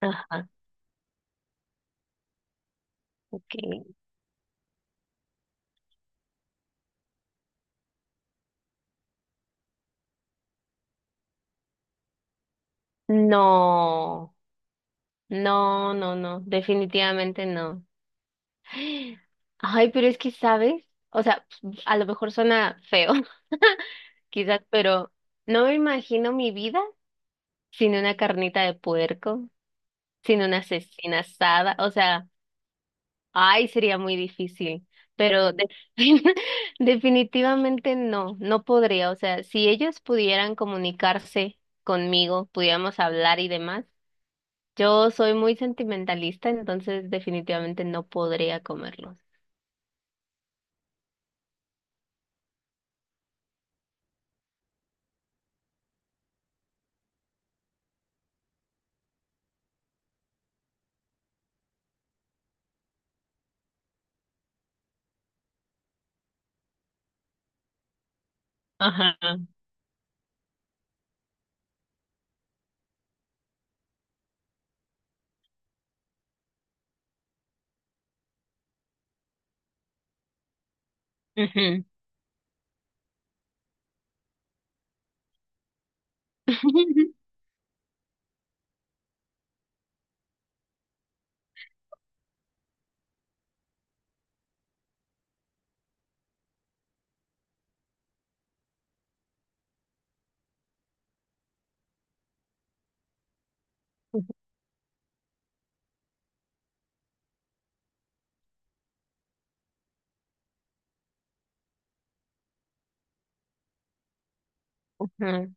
Ajá, ok. No, no, no, no, definitivamente no. Ay, pero es que, ¿sabes? O sea, a lo mejor suena feo, quizás, pero no me imagino mi vida sin una carnita de puerco, sin una cecina asada. O sea, ay, sería muy difícil, pero definitivamente no, no podría. O sea, si ellos pudieran comunicarse conmigo, pudiéramos hablar y demás. Yo soy muy sentimentalista, entonces definitivamente no podría comerlos. Ajá. Ujú. Ajá.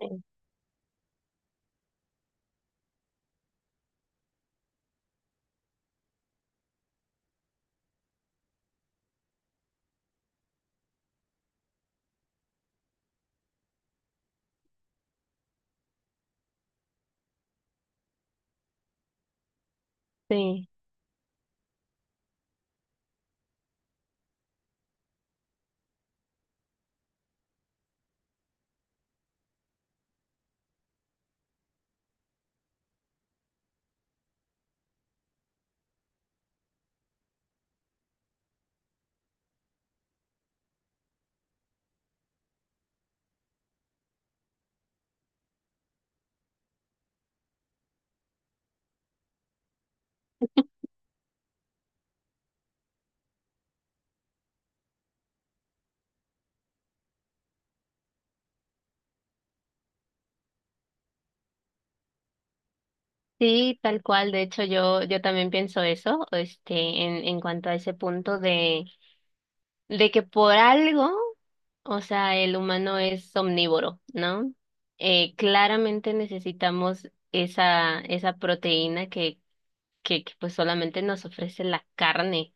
Sí, sí, sí, tal cual. De hecho, yo también pienso eso, este, en cuanto a ese punto de que por algo, o sea, el humano es omnívoro, ¿no? Claramente necesitamos esa proteína que pues solamente nos ofrece la carne.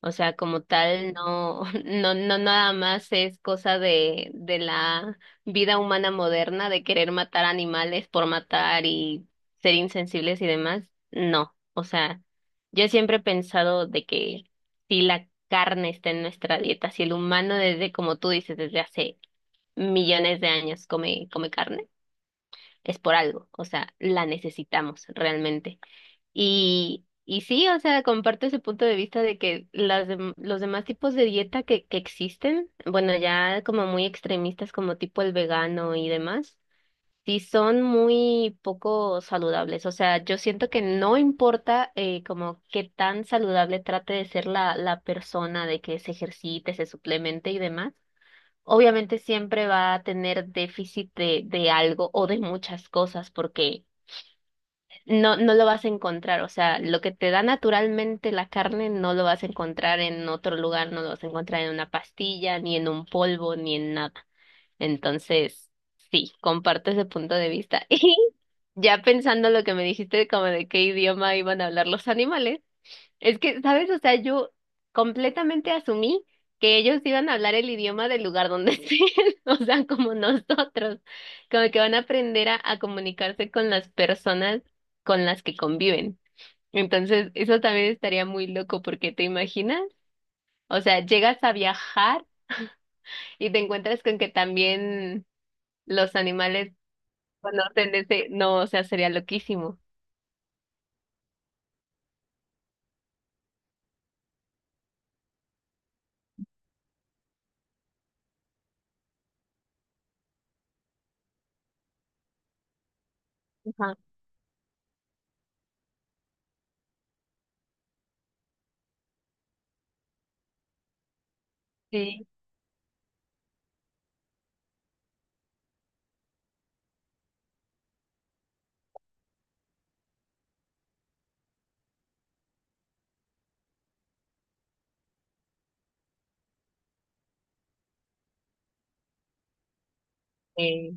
O sea, como tal, no, no, no nada más es cosa de la vida humana moderna, de querer matar animales por matar y ser insensibles y demás. No, o sea, yo siempre he pensado de que si la carne está en nuestra dieta, si el humano desde, como tú dices, desde hace millones de años come carne, es por algo, o sea, la necesitamos realmente. Y sí, o sea, comparto ese punto de vista de que los demás tipos de dieta que existen, bueno, ya como muy extremistas como tipo el vegano y demás, sí son muy poco saludables. O sea, yo siento que no importa como qué tan saludable trate de ser la persona, de que se ejercite, se suplemente y demás. Obviamente siempre va a tener déficit de algo o de muchas cosas porque no lo vas a encontrar, o sea, lo que te da naturalmente la carne no lo vas a encontrar en otro lugar, no lo vas a encontrar en una pastilla, ni en un polvo, ni en nada. Entonces, sí, comparto ese punto de vista. Y ya pensando lo que me dijiste, como de qué idioma iban a hablar los animales. Es que, ¿sabes? O sea, yo completamente asumí que ellos iban a hablar el idioma del lugar donde estén, o sea, como nosotros, como que van a aprender a comunicarse con las personas con las que conviven. Entonces, eso también estaría muy loco porque te imaginas, o sea, llegas a viajar y te encuentras con que también los animales conocen ese, no, o sea, sería loquísimo. Ajá. Sí. Eh,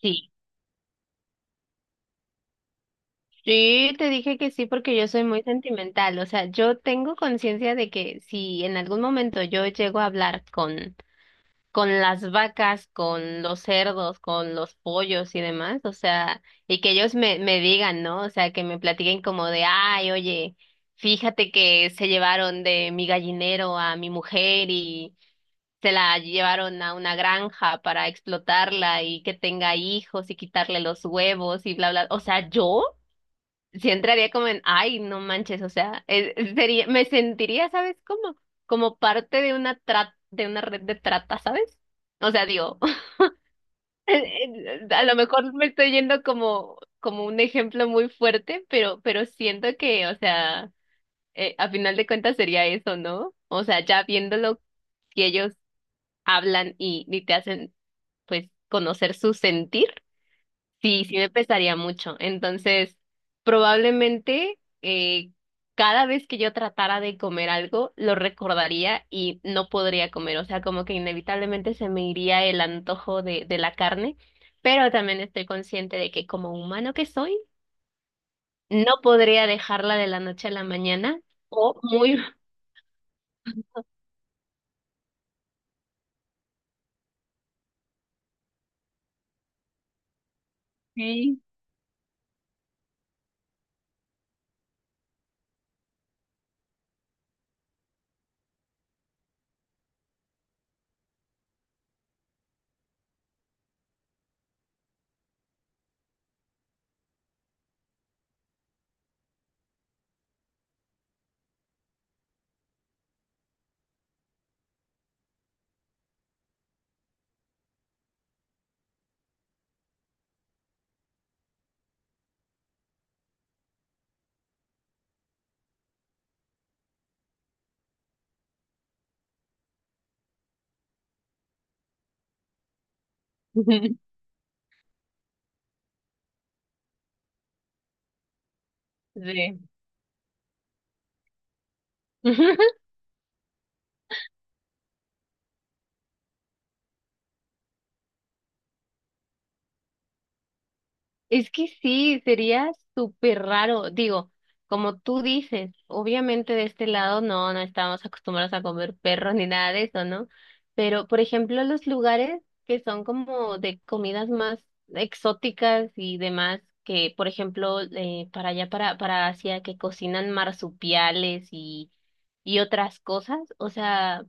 sí. Sí, te dije que sí porque yo soy muy sentimental, o sea, yo tengo conciencia de que si en algún momento yo llego a hablar con las vacas, con los cerdos, con los pollos y demás, o sea, y que ellos me digan, ¿no? O sea, que me platiquen como de, "Ay, oye, fíjate que se llevaron de mi gallinero a mi mujer y se la llevaron a una granja para explotarla y que tenga hijos y quitarle los huevos y bla bla." O sea, yo sí entraría como en, ay, no manches, o sea, sería, me sentiría, ¿sabes cómo? Como parte de una de una red de trata, ¿sabes? O sea, digo, a lo mejor me estoy yendo como, como un ejemplo muy fuerte, pero siento que, o sea, a final de cuentas sería eso, ¿no? O sea, ya viéndolo, si ellos hablan y te hacen, pues, conocer su sentir. Sí, sí me pesaría mucho. Entonces, probablemente cada vez que yo tratara de comer algo, lo recordaría y no podría comer. O sea, como que inevitablemente se me iría el antojo de la carne, pero también estoy consciente de que como humano que soy, no podría dejarla de la noche a la mañana o muy... Sí. Sí. Es que sí, sería súper raro. Digo, como tú dices, obviamente de este lado no estamos acostumbrados a comer perros ni nada de eso, ¿no? Pero, por ejemplo, los lugares que son como de comidas más exóticas y demás, que, por ejemplo, para allá, para Asia, que cocinan marsupiales y otras cosas, o sea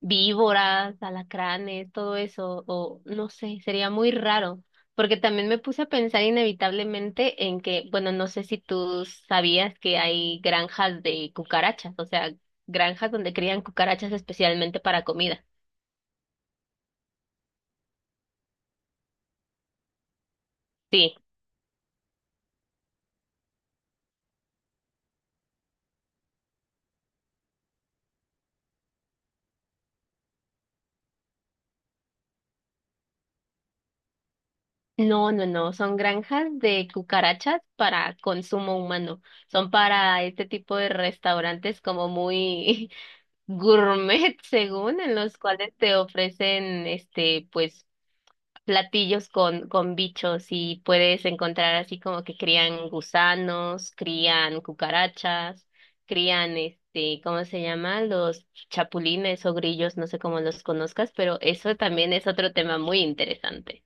víboras, alacranes, todo eso, o no sé, sería muy raro, porque también me puse a pensar inevitablemente en que, bueno, no sé si tú sabías que hay granjas de cucarachas, o sea, granjas donde crían cucarachas especialmente para comida. Sí. No, no, no, son granjas de cucarachas para consumo humano. Son para este tipo de restaurantes como muy gourmet, según, en los cuales te ofrecen este pues platillos con bichos y puedes encontrar así como que crían gusanos, crían cucarachas, crían este, ¿cómo se llama? Los chapulines o grillos, no sé cómo los conozcas, pero eso también es otro tema muy interesante.